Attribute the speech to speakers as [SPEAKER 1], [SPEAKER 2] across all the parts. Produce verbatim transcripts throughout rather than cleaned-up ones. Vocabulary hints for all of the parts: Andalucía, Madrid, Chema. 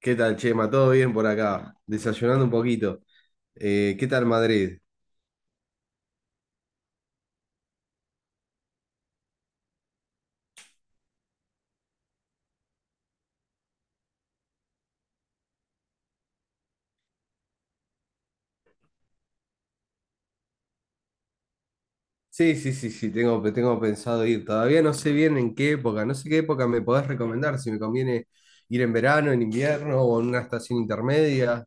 [SPEAKER 1] ¿Qué tal, Chema? ¿Todo bien por acá? Desayunando un poquito. Eh, ¿qué tal Madrid? Sí, sí, sí, sí, tengo, tengo pensado ir. Todavía no sé bien en qué época. No sé qué época me podés recomendar, si me conviene ir en verano, en invierno o en una estación intermedia.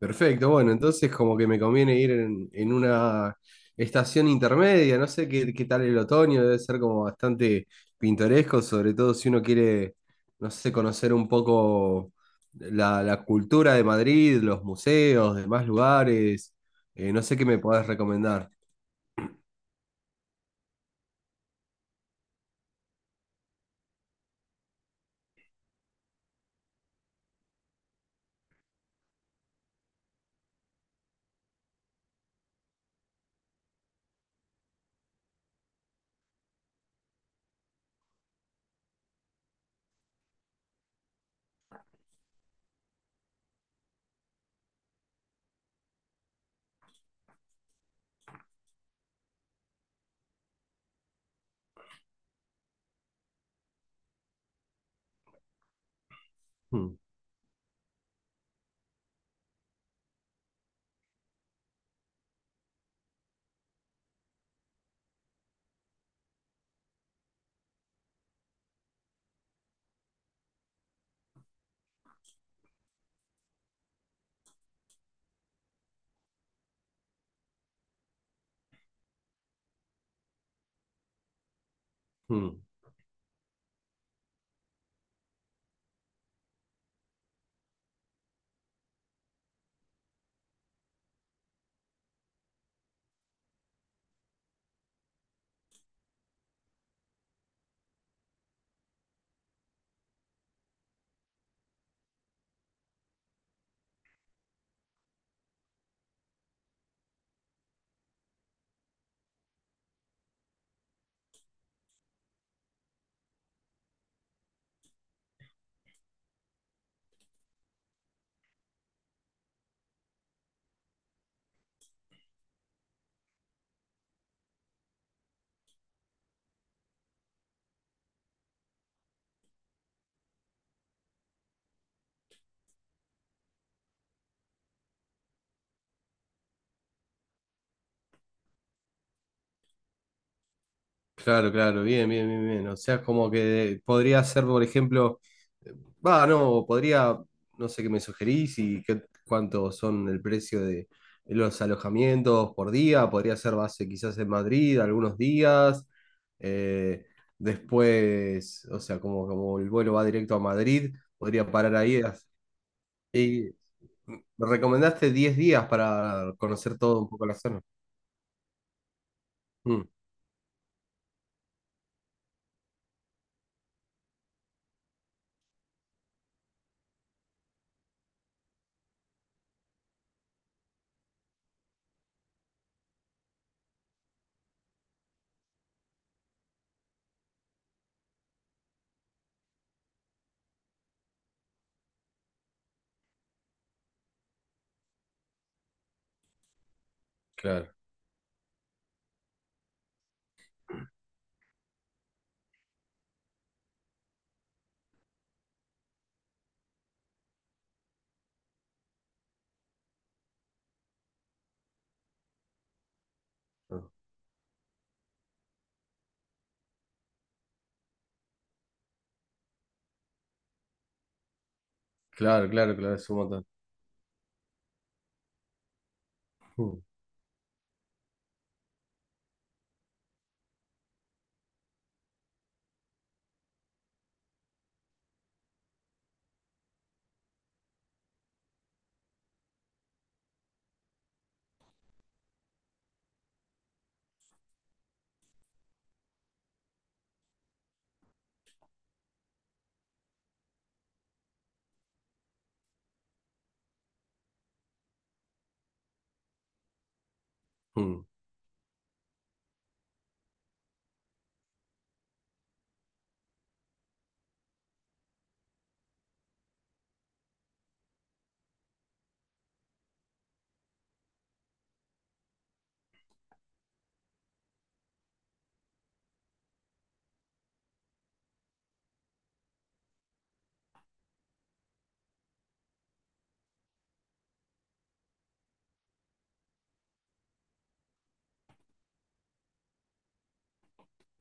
[SPEAKER 1] Perfecto, bueno, entonces como que me conviene ir en, en una estación intermedia, no sé qué, qué tal el otoño, debe ser como bastante pintoresco, sobre todo si uno quiere, no sé, conocer un poco la, la cultura de Madrid, los museos, demás lugares, eh, no sé qué me podés recomendar. Mm, mm. Claro, claro, bien, bien, bien, bien. O sea, como que podría ser, por ejemplo, eh, va, no, podría, no sé qué me sugerís y qué, cuánto son el precio de los alojamientos por día. Podría ser base quizás en Madrid algunos días. eh, después, o sea, como, como el vuelo va directo a Madrid, podría parar ahí. Y me recomendaste diez días para conocer todo un poco la zona. Mm, claro, claro, claro, claro, es un montón. Mm, mm.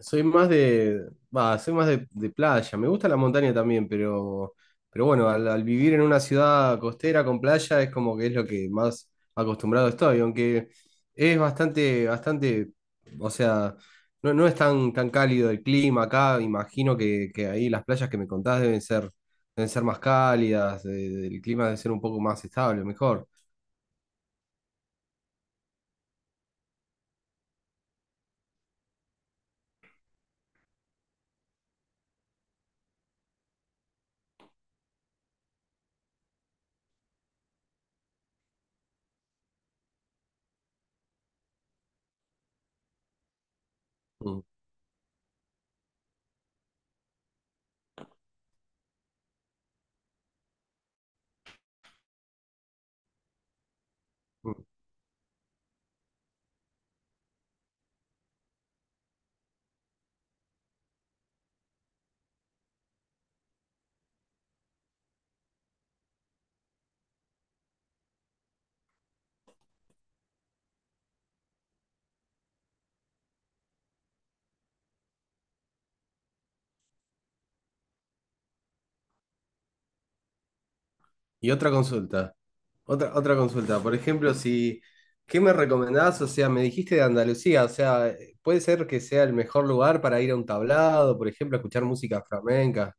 [SPEAKER 1] Soy más de, va, soy más de, de playa. Me gusta la montaña también, pero, pero bueno, al, al vivir en una ciudad costera con playa es como que es lo que más acostumbrado estoy, aunque es bastante, bastante, o sea, no, no es tan, tan cálido el clima acá. Imagino que, que ahí las playas que me contás deben ser, deben ser más cálidas, eh, el clima debe ser un poco más estable, mejor. Mm, mm. Y otra consulta. Otra, otra consulta, por ejemplo, si, ¿qué me recomendás? O sea, me dijiste de Andalucía, o sea, eh, puede ser que sea el mejor lugar para ir a un tablado, por ejemplo, a escuchar música flamenca.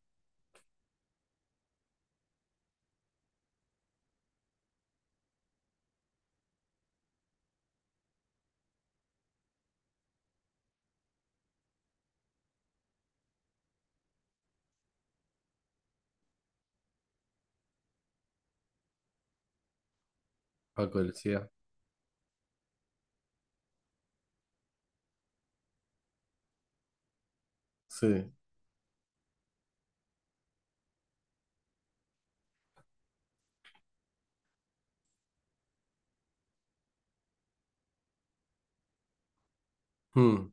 [SPEAKER 1] Paco decía. Sí. Mm,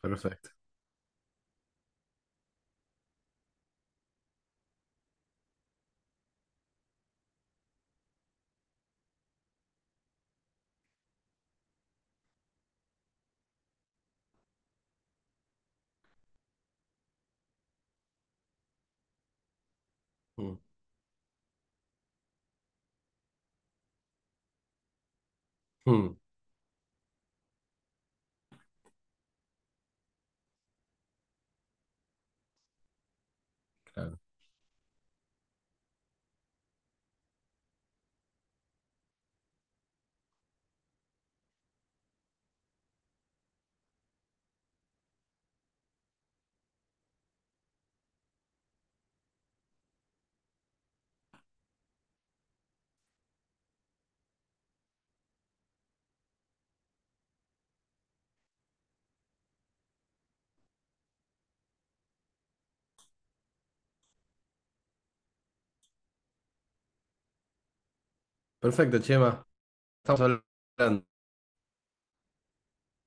[SPEAKER 1] perfecto. Mm, mm, claro. Perfecto, Chema. Estamos hablando.